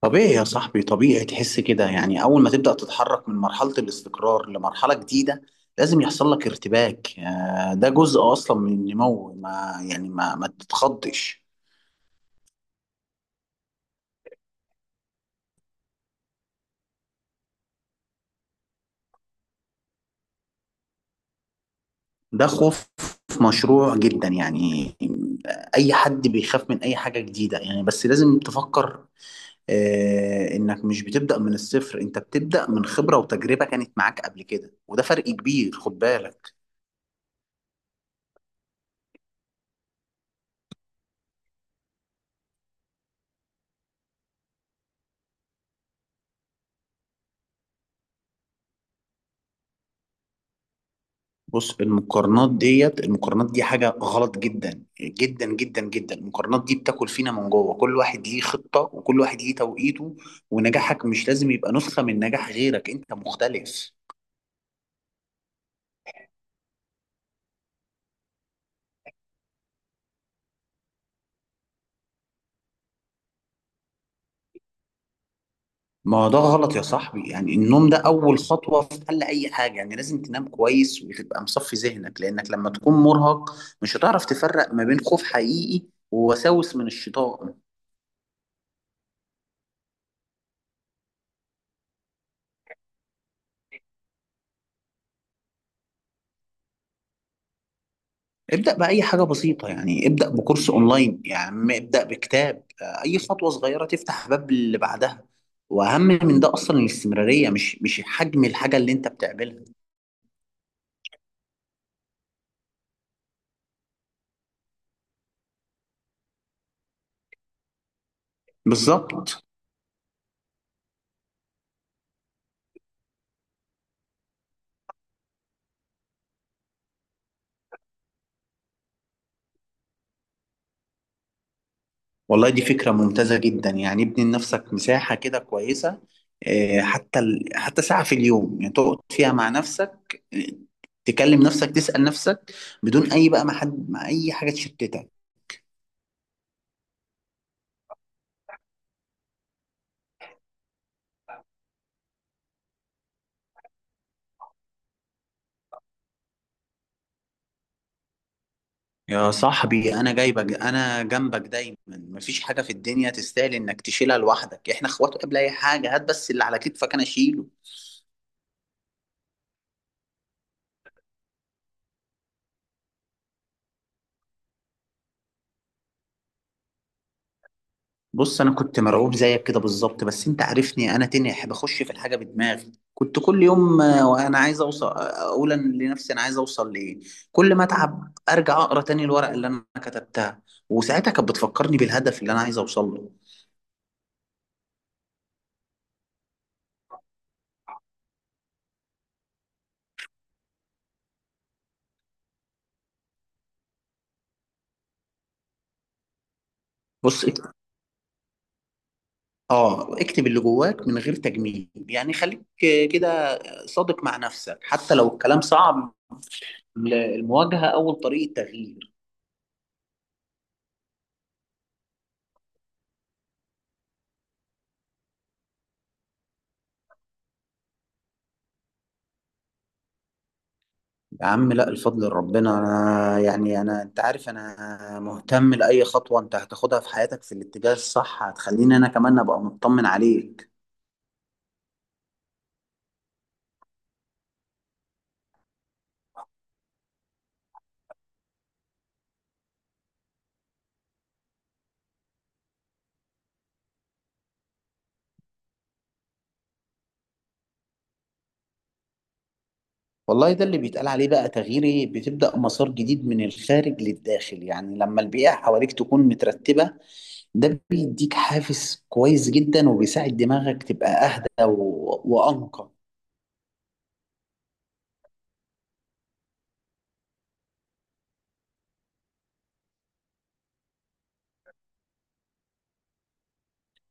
طبيعي يا صاحبي، طبيعي تحس كده. يعني أول ما تبدأ تتحرك من مرحلة الاستقرار لمرحلة جديدة لازم يحصل لك ارتباك. ده جزء أصلا من النمو، ما يعني ما ما تتخضش. ده خوف مشروع جدا. يعني أي حد بيخاف من أي حاجة جديدة، يعني بس لازم تفكر. إنك مش بتبدأ من الصفر، أنت بتبدأ من خبرة وتجربة كانت معاك قبل كده، وده فرق كبير، خد بالك. بص، المقارنات دي حاجة غلط جدا جدا جدا جدا. المقارنات دي بتاكل فينا من جوه. كل واحد ليه خطة وكل واحد ليه توقيته، ونجاحك مش لازم يبقى نسخة من نجاح غيرك، انت مختلف. ما ده غلط يا صاحبي. يعني النوم ده أول خطوة في حل أي حاجة، يعني لازم تنام كويس وتبقى مصفي ذهنك، لأنك لما تكون مرهق مش هتعرف تفرق ما بين خوف حقيقي ووساوس من الشيطان. ابدأ بأي حاجة بسيطة، يعني ابدأ بكورس أونلاين، يعني ابدأ بكتاب. أي خطوة صغيرة تفتح باب اللي بعدها. وأهم من ده أصلا الاستمرارية، مش حجم الحاجة اللي أنت بتعملها. بالظبط. والله دي فكرة ممتازة جدا. يعني ابني لنفسك مساحة كده كويسة. حتى ساعة في اليوم، يعني تقعد فيها مع نفسك، تكلم نفسك، تسأل نفسك، بدون أي بقى، ما حد، ما أي حاجة تشتتك. يا صاحبي انا جايبك، انا جنبك دايما. مفيش حاجه في الدنيا تستاهل انك تشيلها لوحدك. احنا اخوات قبل اي حاجه. هات بس اللي على كتفك انا اشيله. بص انا كنت مرعوب زيك كده بالظبط. بس انت عارفني، انا تنح، بخش في الحاجه بدماغي. كنت كل يوم وانا عايز اوصل، اقول أنا لنفسي انا عايز اوصل لايه. كل ما اتعب ارجع اقرا تاني الورق اللي انا كتبتها، وساعتها كانت بتفكرني بالهدف اللي انا عايز اوصل له. بص، اه، اكتب اللي جواك من غير تجميل. يعني خليك كده صادق مع نفسك، حتى لو الكلام صعب. المواجهة أول طريقة تغيير. يا عم لا، الفضل لربنا. أنا يعني أنا أنت عارف، أنا مهتم لأي خطوة أنت هتاخدها في حياتك في الاتجاه الصح. هتخليني أنا كمان أبقى مطمن عليك. والله ده اللي بيتقال عليه بقى، تغييري بتبدأ مسار جديد من الخارج للداخل. يعني لما البيئة حواليك تكون مترتبة، ده بيديك حافز كويس جدا وبيساعد دماغك تبقى أهدى وأنقى.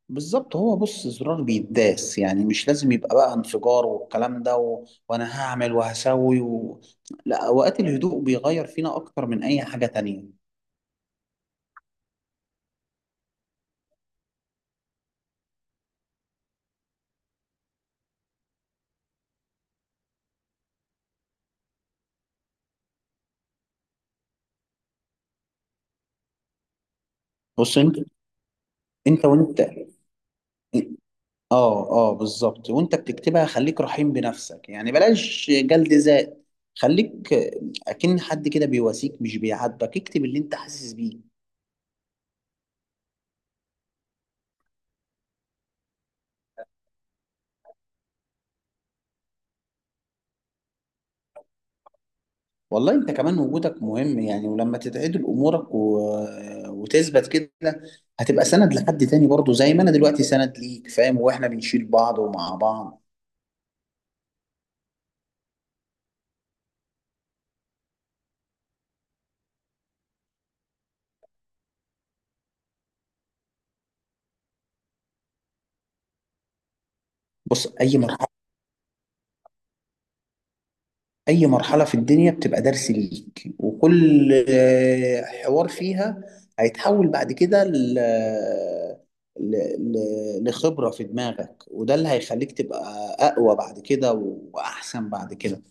بالظبط. هو بص، زرار بيداس. يعني مش لازم يبقى بقى انفجار والكلام ده وأنا هعمل وهسوي لا، أوقات الهدوء بيغير فينا أكتر من أي حاجة تانية. بص أنت وأنت، اه اه، بالظبط. وانت بتكتبها، خليك رحيم بنفسك، يعني بلاش جلد ذات. خليك اكن حد كده بيواسيك، مش بيعاتبك. اكتب اللي انت حاسس بيه. والله انت كمان وجودك مهم. يعني ولما تتعدل امورك وتثبت كده، هتبقى سند لحد تاني برضه، زي ما انا دلوقتي سند ليك. فاهم، واحنا بنشيل بعض ومع بعض. بص، اي مرحله أي مرحلة في الدنيا بتبقى درس ليك، وكل حوار فيها هيتحول بعد كده ل... لخبرة في دماغك. وده اللي هيخليك تبقى أقوى بعد كده وأحسن بعد كده.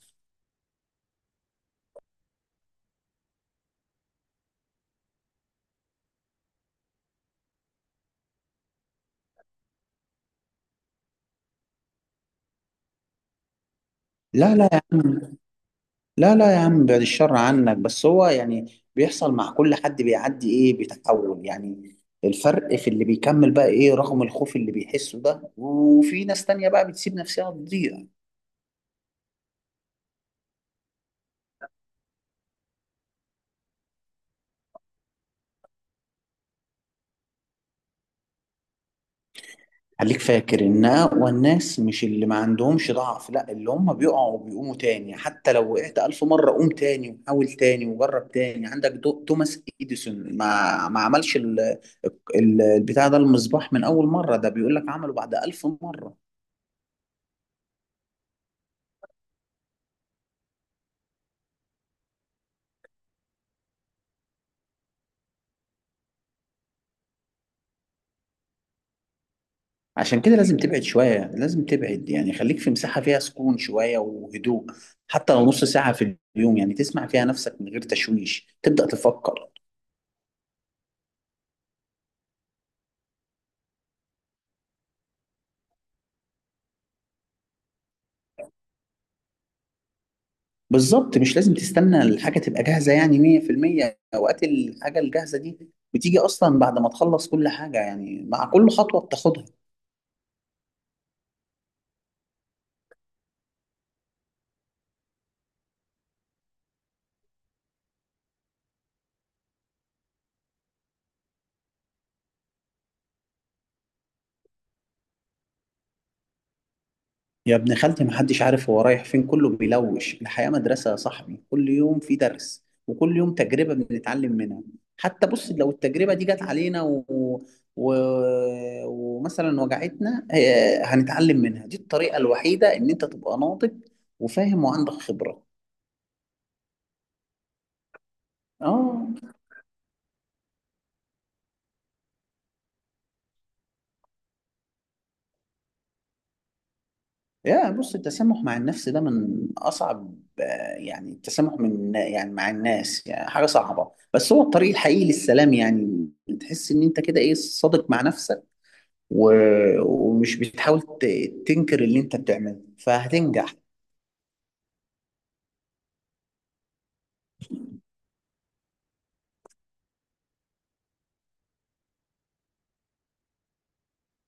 لا لا يا عم، لا لا يا عم، بعد الشر عنك. بس هو يعني بيحصل مع كل حد، بيعدي، إيه، بيتحول. يعني الفرق في اللي بيكمل بقى، إيه رغم الخوف اللي بيحسه ده، وفي ناس تانية بقى بتسيب نفسها تضيع. خليك فاكر ان اقوى الناس مش اللي ما عندهمش ضعف، لا اللي هم بيقعوا وبيقوموا تاني. حتى لو وقعت 1000 مرة، قوم تاني وحاول تاني وجرب تاني. عندك توماس إديسون، ما عملش البتاع ده، المصباح، من أول مرة. ده بيقول لك عمله بعد 1000 مرة. عشان كده لازم تبعد شوية، لازم تبعد. يعني خليك في مساحة فيها سكون شوية وهدوء. حتى لو نص ساعة في اليوم، يعني تسمع فيها نفسك من غير تشويش، تبدأ تفكر. بالظبط. مش لازم تستنى الحاجة تبقى جاهزة يعني 100%. أوقات الحاجة الجاهزة دي بتيجي أصلا بعد ما تخلص كل حاجة، يعني مع كل خطوة بتاخدها. يا ابن خالتي، محدش عارف هو رايح فين، كله بيلوش. الحياة مدرسة يا صاحبي. كل يوم في درس وكل يوم تجربة بنتعلم منها. حتى بص لو التجربة دي جت علينا و... ومثلا وجعتنا، هنتعلم منها. دي الطريقة الوحيدة إن أنت تبقى ناضج وفاهم وعندك خبرة. اه. يا بص، التسامح مع النفس ده من أصعب، آه، يعني التسامح يعني مع الناس يعني حاجة صعبة، بس هو الطريق الحقيقي للسلام. يعني تحس إن أنت كده إيه صادق مع نفسك، و... ومش بتحاول تنكر اللي أنت بتعمله، فهتنجح.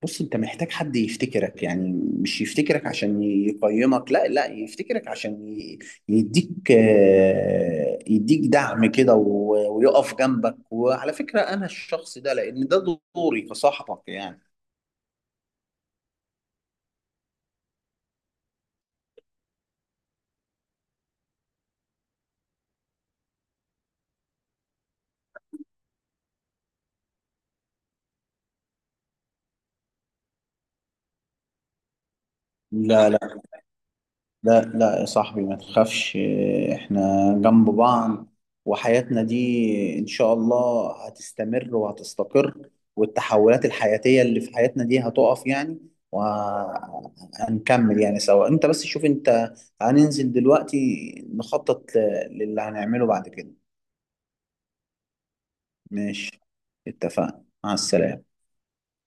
بص انت محتاج حد يفتكرك. يعني مش يفتكرك عشان يقيمك، لا لا، يفتكرك عشان يديك، يديك دعم كده ويقف جنبك. وعلى فكرة انا الشخص ده، لان ده دوري كصاحبك يعني. لا لا، لا لا يا صاحبي، ما تخافش. احنا جنب بعض، وحياتنا دي ان شاء الله هتستمر وهتستقر. والتحولات الحياتية اللي في حياتنا دي هتقف يعني، وهنكمل يعني سوا. انت بس شوف، انت هننزل دلوقتي نخطط للي هنعمله بعد كده. ماشي، اتفقنا، مع السلامة.